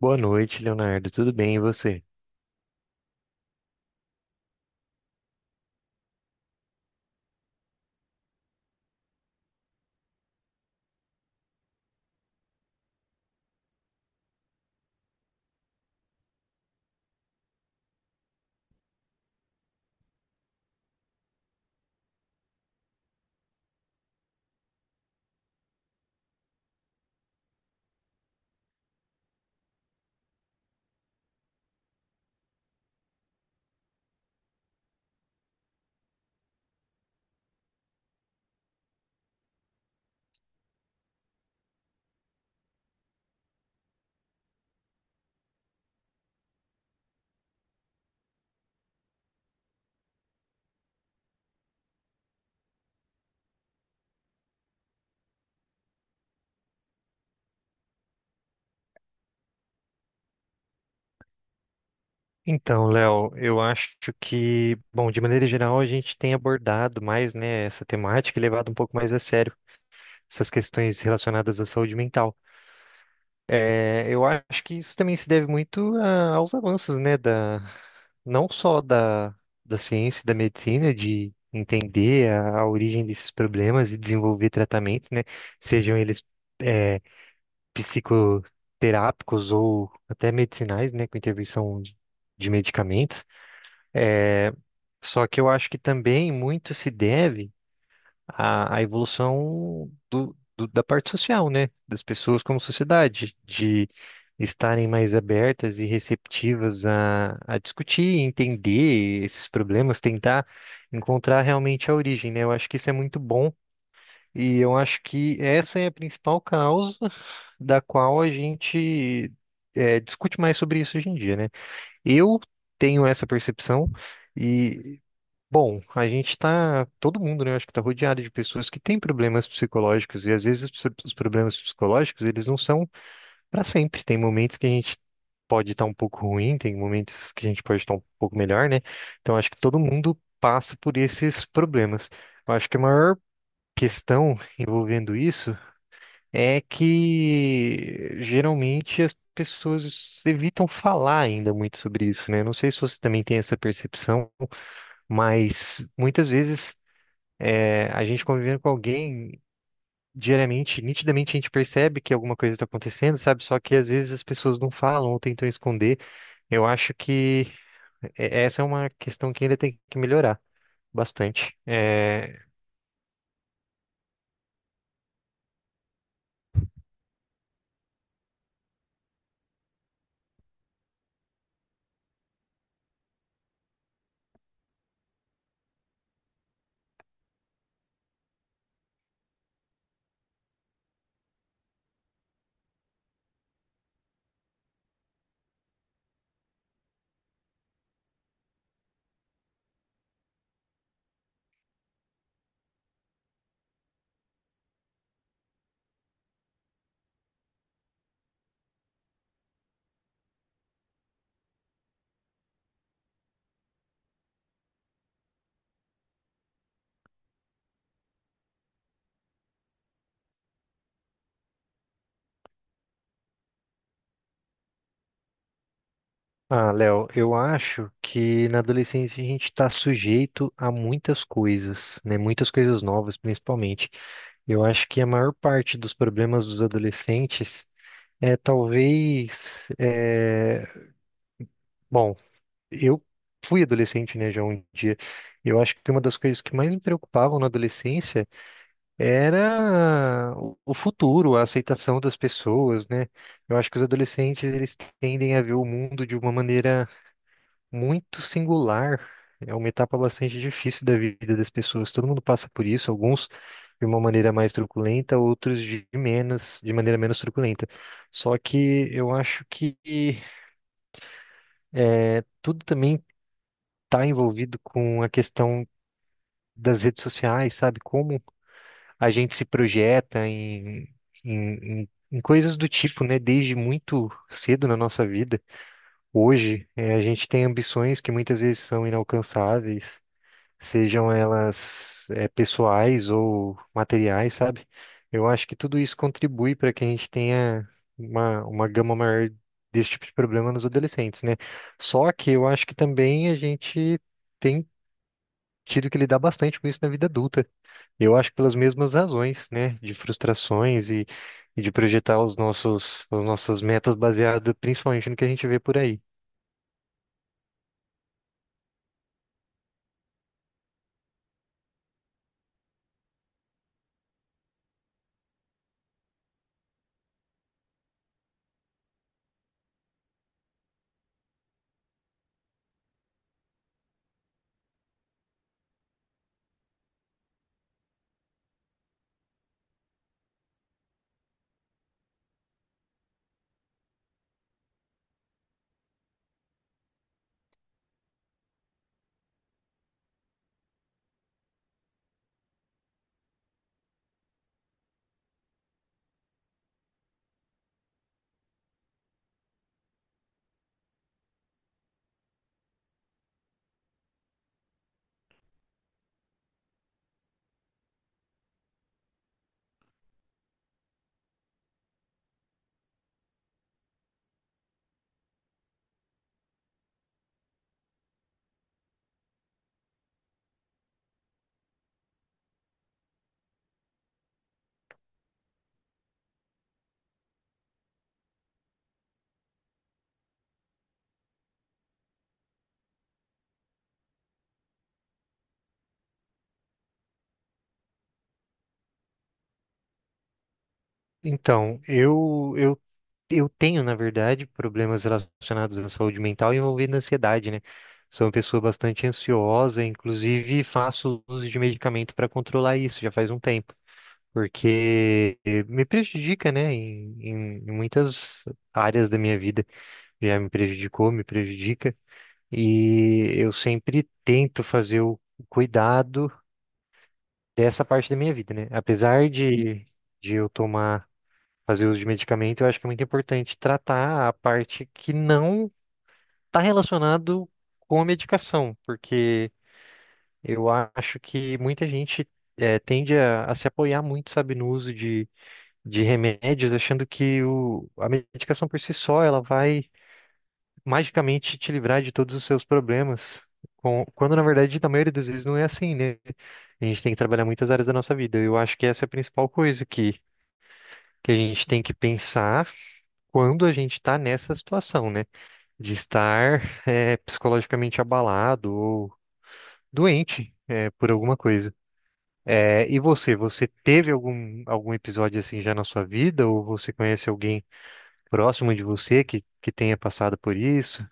Boa noite, Leonardo. Tudo bem, e você? Então, Léo, eu acho que, bom, de maneira geral, a gente tem abordado mais, né, essa temática e levado um pouco mais a sério essas questões relacionadas à saúde mental. Eu acho que isso também se deve muito aos avanços, né, da, não só da, da ciência e da medicina, de entender a origem desses problemas e desenvolver tratamentos, né, sejam eles. é, Psicoterápicos ou até medicinais, né, com intervenção de medicamentos. É, Só que eu acho que também muito se deve à evolução da parte social, né, das pessoas como sociedade, de estarem mais abertas e receptivas a discutir, entender esses problemas, tentar encontrar realmente a origem, né? Eu acho que isso é muito bom e eu acho que essa é a principal causa da qual a gente discute mais sobre isso hoje em dia, né? Eu tenho essa percepção e, bom, a gente está, todo mundo, né? eu Acho que está rodeado de pessoas que têm problemas psicológicos e às vezes os problemas psicológicos eles não são para sempre. Tem momentos que a gente pode estar um pouco ruim, tem momentos que a gente pode estar um pouco melhor, né? Então acho que todo mundo passa por esses problemas. Eu acho que a maior questão envolvendo isso é que geralmente as pessoas evitam falar ainda muito sobre isso, né? Não sei se você também tem essa percepção, mas muitas vezes a gente convivendo com alguém diariamente, nitidamente a gente percebe que alguma coisa está acontecendo, sabe? Só que às vezes as pessoas não falam ou tentam esconder. Eu acho que essa é uma questão que ainda tem que melhorar bastante. Ah, Léo, eu acho que na adolescência a gente está sujeito a muitas coisas, né? Muitas coisas novas, principalmente. Eu acho que a maior parte dos problemas dos adolescentes é bom, eu fui adolescente, né, já um dia. Eu acho que uma das coisas que mais me preocupavam na adolescência era o futuro, a aceitação das pessoas, né? Eu acho que os adolescentes eles tendem a ver o mundo de uma maneira muito singular. É uma etapa bastante difícil da vida das pessoas. Todo mundo passa por isso, alguns de uma maneira mais truculenta, outros de menos, de maneira menos truculenta. Só que eu acho que tudo também está envolvido com a questão das redes sociais, sabe? Como a gente se projeta em coisas do tipo, né? Desde muito cedo na nossa vida. Hoje, a gente tem ambições que muitas vezes são inalcançáveis. Sejam elas pessoais ou materiais, sabe? Eu acho que tudo isso contribui para que a gente tenha uma gama maior desse tipo de problema nos adolescentes, né? Só que eu acho que também a gente tem tido que lidar bastante com isso na vida adulta. Eu acho que pelas mesmas razões, né? De frustrações e de projetar as nossas metas baseadas principalmente no que a gente vê por aí. Então, eu tenho, na verdade, problemas relacionados à saúde mental envolvendo ansiedade, né? Sou uma pessoa bastante ansiosa, inclusive faço uso de medicamento para controlar isso já faz um tempo, porque me prejudica, né? Em muitas áreas da minha vida já me prejudicou, me prejudica, e eu sempre tento fazer o cuidado dessa parte da minha vida, né? Apesar de eu tomar fazer uso de medicamento, eu acho que é muito importante tratar a parte que não está relacionado com a medicação, porque eu acho que muita gente tende a se apoiar muito, sabe, no uso de remédios, achando que a medicação por si só ela vai magicamente te livrar de todos os seus problemas. Quando, na verdade, na maioria das vezes não é assim, né? A gente tem que trabalhar muitas áreas da nossa vida. Eu acho que essa é a principal coisa que a gente tem que pensar quando a gente está nessa situação, né? De estar psicologicamente abalado ou doente por alguma coisa. É, e você, você teve algum episódio assim já na sua vida? Ou você conhece alguém próximo de você que tenha passado por isso?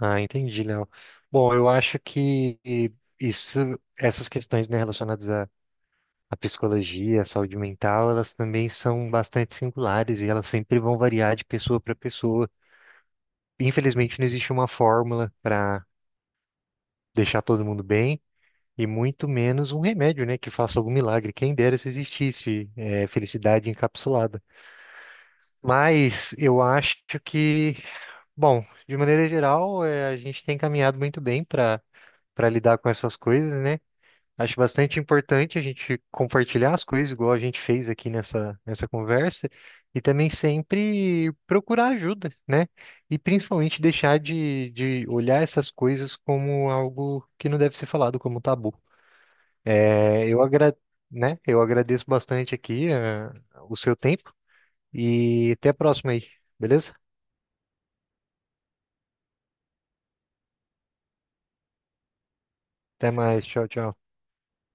Ah, entendi, Léo. Bom, eu acho que isso, essas questões, né, relacionadas à psicologia, à saúde mental, elas também são bastante singulares e elas sempre vão variar de pessoa para pessoa. Infelizmente, não existe uma fórmula para deixar todo mundo bem e muito menos um remédio, né, que faça algum milagre. Quem dera se existisse, é, felicidade encapsulada. Mas eu acho que, bom, de maneira geral, a gente tem caminhado muito bem para lidar com essas coisas, né? Acho bastante importante a gente compartilhar as coisas, igual a gente fez aqui nessa conversa, e também sempre procurar ajuda, né? E principalmente deixar de olhar essas coisas como algo que não deve ser falado, como tabu. É, eu agra, né? Eu agradeço bastante aqui, ah, o seu tempo e até a próxima aí, beleza? Até mais, tchau, tchau.